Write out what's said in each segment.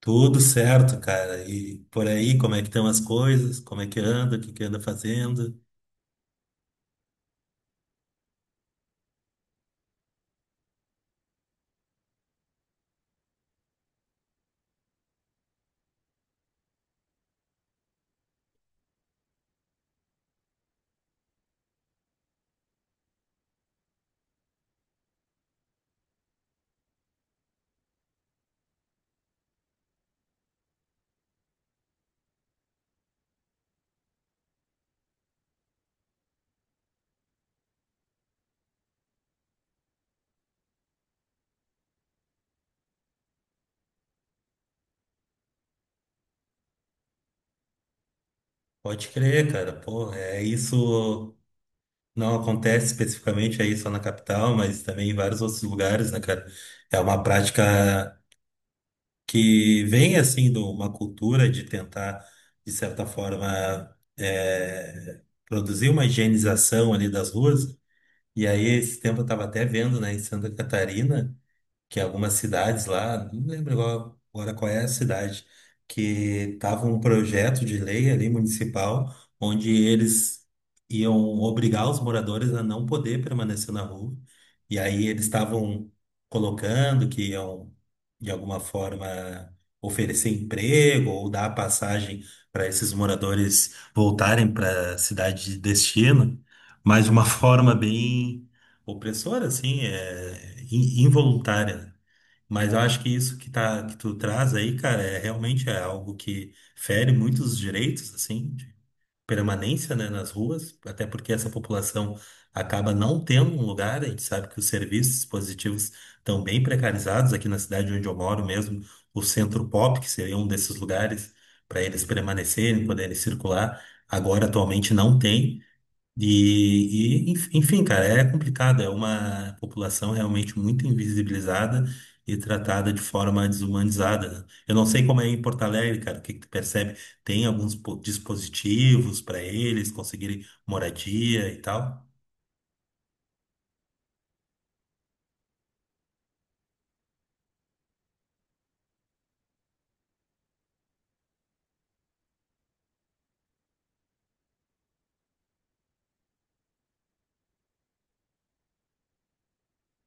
Tudo certo, cara. E por aí, como é que estão as coisas? Como é que anda? O que que anda fazendo? Pode crer, cara. Pô, é isso. Não acontece especificamente aí só na capital, mas também em vários outros lugares, né, cara? É uma prática que vem, assim, de uma cultura de tentar, de certa forma, produzir uma higienização ali das ruas. E aí, esse tempo eu estava até vendo, né, em Santa Catarina, que algumas cidades lá, não lembro agora qual é a cidade, que tava um projeto de lei ali municipal, onde eles iam obrigar os moradores a não poder permanecer na rua. E aí eles estavam colocando que iam, de alguma forma, oferecer emprego ou dar passagem para esses moradores voltarem para a cidade de destino, mas de uma forma bem opressora, assim, involuntária, né? Mas eu acho que isso que tu traz aí, cara, é realmente algo que fere muitos direitos assim de permanência, né, nas ruas, até porque essa população acaba não tendo um lugar. A gente sabe que os serviços dispositivos estão bem precarizados aqui na cidade onde eu moro mesmo. O Centro Pop, que seria um desses lugares para eles permanecerem, poderem circular, agora atualmente não tem. Enfim, cara, é complicado. É uma população realmente muito invisibilizada e tratada de forma desumanizada, né? Eu não sei como é em Porto Alegre, cara, o que que tu percebe? Tem alguns dispositivos para eles conseguirem moradia e tal?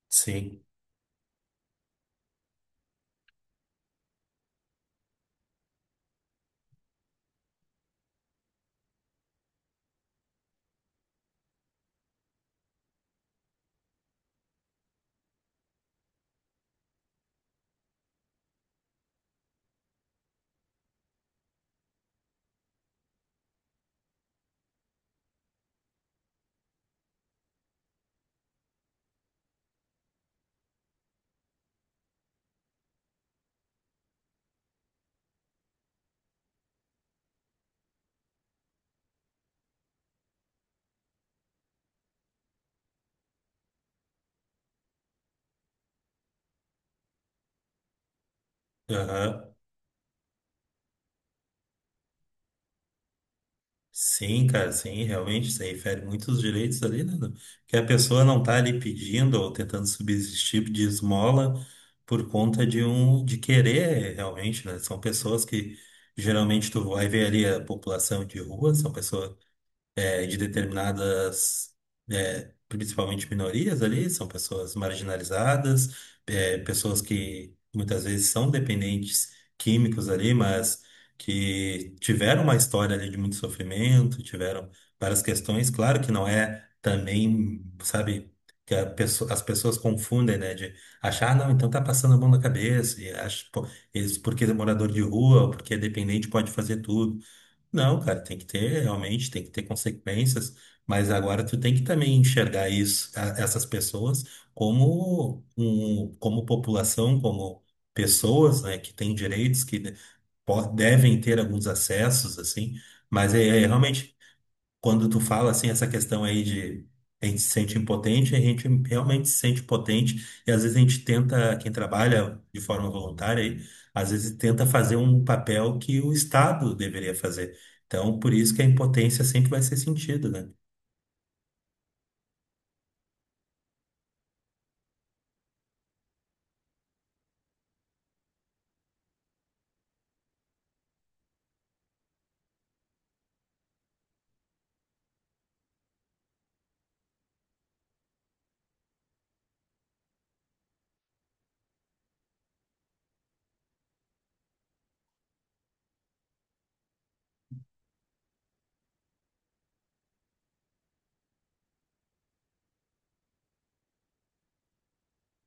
Sim. Aham. Sim, cara, sim, realmente, isso aí fere muitos direitos ali, né? Que a pessoa não tá ali pedindo ou tentando subsistir de esmola por conta de querer, realmente, né? São pessoas que geralmente tu vai ver ali a população de rua, são pessoas de determinadas, principalmente minorias ali, são pessoas marginalizadas, pessoas que muitas vezes são dependentes químicos ali, mas que tiveram uma história ali de muito sofrimento, tiveram várias questões. Claro que não é também, sabe, que a as pessoas confundem, né, de achar, "Ah, não, então tá passando a mão na cabeça, e acho, pô, eles, porque é morador de rua, ou porque é dependente, pode fazer tudo". Não, cara, tem que ter, realmente, tem que ter consequências, mas agora tu tem que também enxergar isso, essas pessoas como um, como população, como pessoas, né, que têm direitos, que devem ter alguns acessos, assim, mas é, é realmente quando tu fala assim essa questão aí de a gente se sente impotente, a gente realmente se sente potente e às vezes a gente tenta, quem trabalha de forma voluntária, aí, às vezes tenta fazer um papel que o Estado deveria fazer. Então, por isso que a impotência sempre vai ser sentida, né?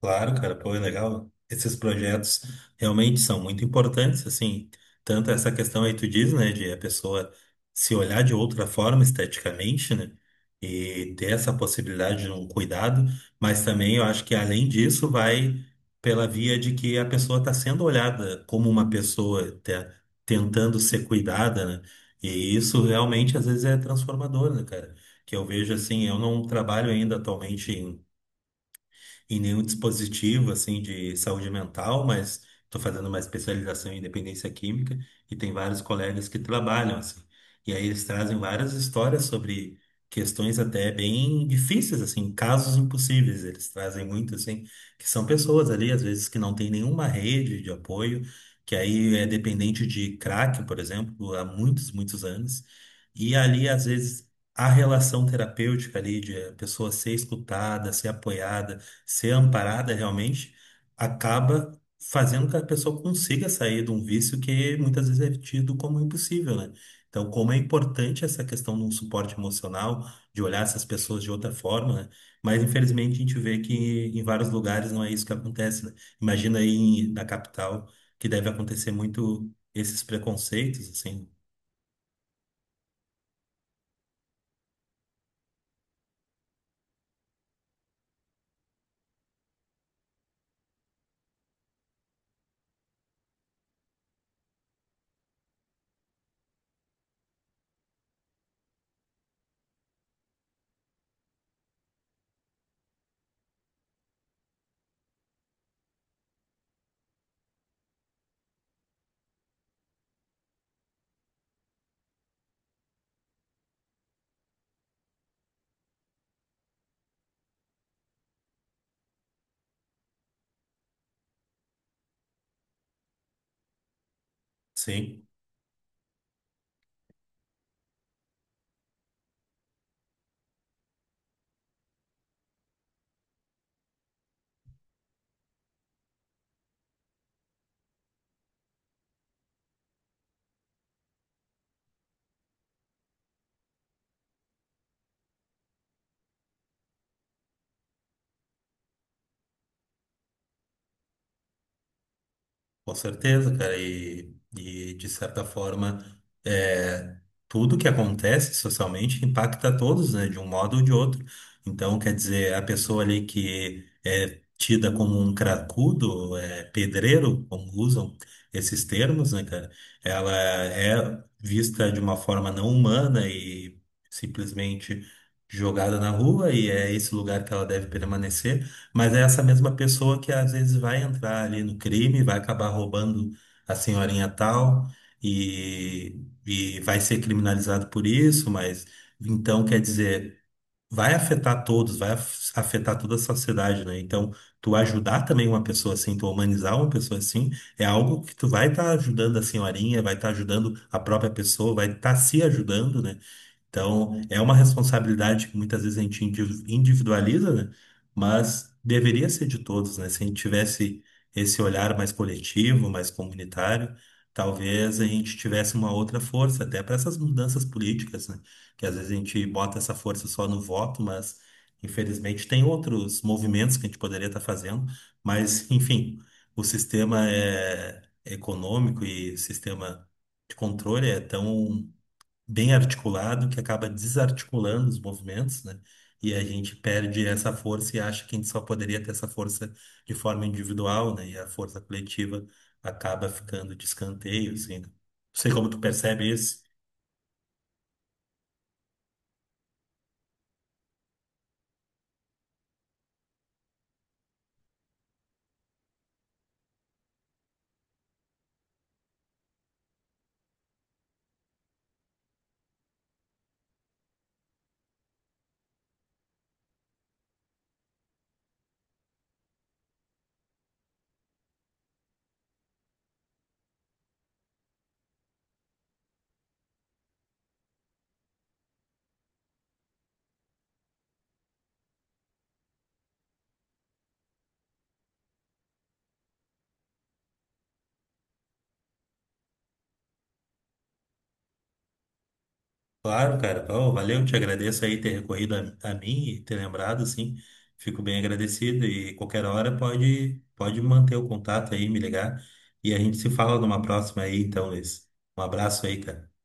Claro, cara, pô, é legal. Esses projetos realmente são muito importantes, assim, tanto essa questão aí tu diz, né, de a pessoa se olhar de outra forma esteticamente, né, e ter essa possibilidade de um cuidado, mas também eu acho que além disso vai pela via de que a pessoa está sendo olhada como uma tentando ser cuidada, né, e isso realmente às vezes é transformador, né, cara, que eu vejo assim, eu não trabalho ainda atualmente em nenhum dispositivo assim de saúde mental, mas estou fazendo uma especialização em dependência química e tem vários colegas que trabalham assim. E aí eles trazem várias histórias sobre questões até bem difíceis assim, casos impossíveis. Eles trazem muito assim, que são pessoas ali às vezes que não têm nenhuma rede de apoio, que aí é dependente de crack, por exemplo, há muitos, muitos anos. E ali às vezes a relação terapêutica ali de a pessoa ser escutada, ser apoiada, ser amparada realmente acaba fazendo com que a pessoa consiga sair de um vício que muitas vezes é tido como impossível, né? Então, como é importante essa questão de um suporte emocional, de olhar essas pessoas de outra forma, né? Mas infelizmente a gente vê que em vários lugares não é isso que acontece, né? Imagina aí na capital que deve acontecer muito esses preconceitos, assim, sim. Com certeza, cara, e de certa forma, é, tudo que acontece socialmente impacta todos, né, de um modo ou de outro. Então, quer dizer, a pessoa ali que é tida como um cracudo, é, pedreiro, como usam esses termos, né, cara, ela é vista de uma forma não humana e simplesmente jogada na rua, e é esse lugar que ela deve permanecer. Mas é essa mesma pessoa que às vezes vai entrar ali no crime, vai acabar roubando a senhorinha tal e, e vai ser criminalizado por isso, mas então quer dizer, vai afetar todos, vai afetar toda a sociedade, né? Então, tu ajudar também uma pessoa assim, tu humanizar uma pessoa assim, é algo que tu vai estar ajudando a senhorinha, vai estar ajudando a própria pessoa, vai estar se ajudando, né? Então, é uma responsabilidade que muitas vezes a gente individualiza, né? Mas deveria ser de todos, né? Se a gente tivesse esse olhar mais coletivo, mais comunitário, talvez a gente tivesse uma outra força, até para essas mudanças políticas, né? Que às vezes a gente bota essa força só no voto, mas infelizmente tem outros movimentos que a gente poderia estar fazendo. Mas, enfim, o sistema é econômico e sistema de controle é tão bem articulado, que acaba desarticulando os movimentos, né? E a gente perde essa força e acha que a gente só poderia ter essa força de forma individual, né? E a força coletiva acaba ficando de escanteio, assim, né? Não sei como tu percebe isso. Claro, cara. Pô, valeu, te agradeço aí ter recorrido a mim e ter lembrado, assim. Fico bem agradecido e qualquer hora pode, pode manter o contato aí, me ligar. E a gente se fala numa próxima aí, então, Luiz. Um abraço aí, cara.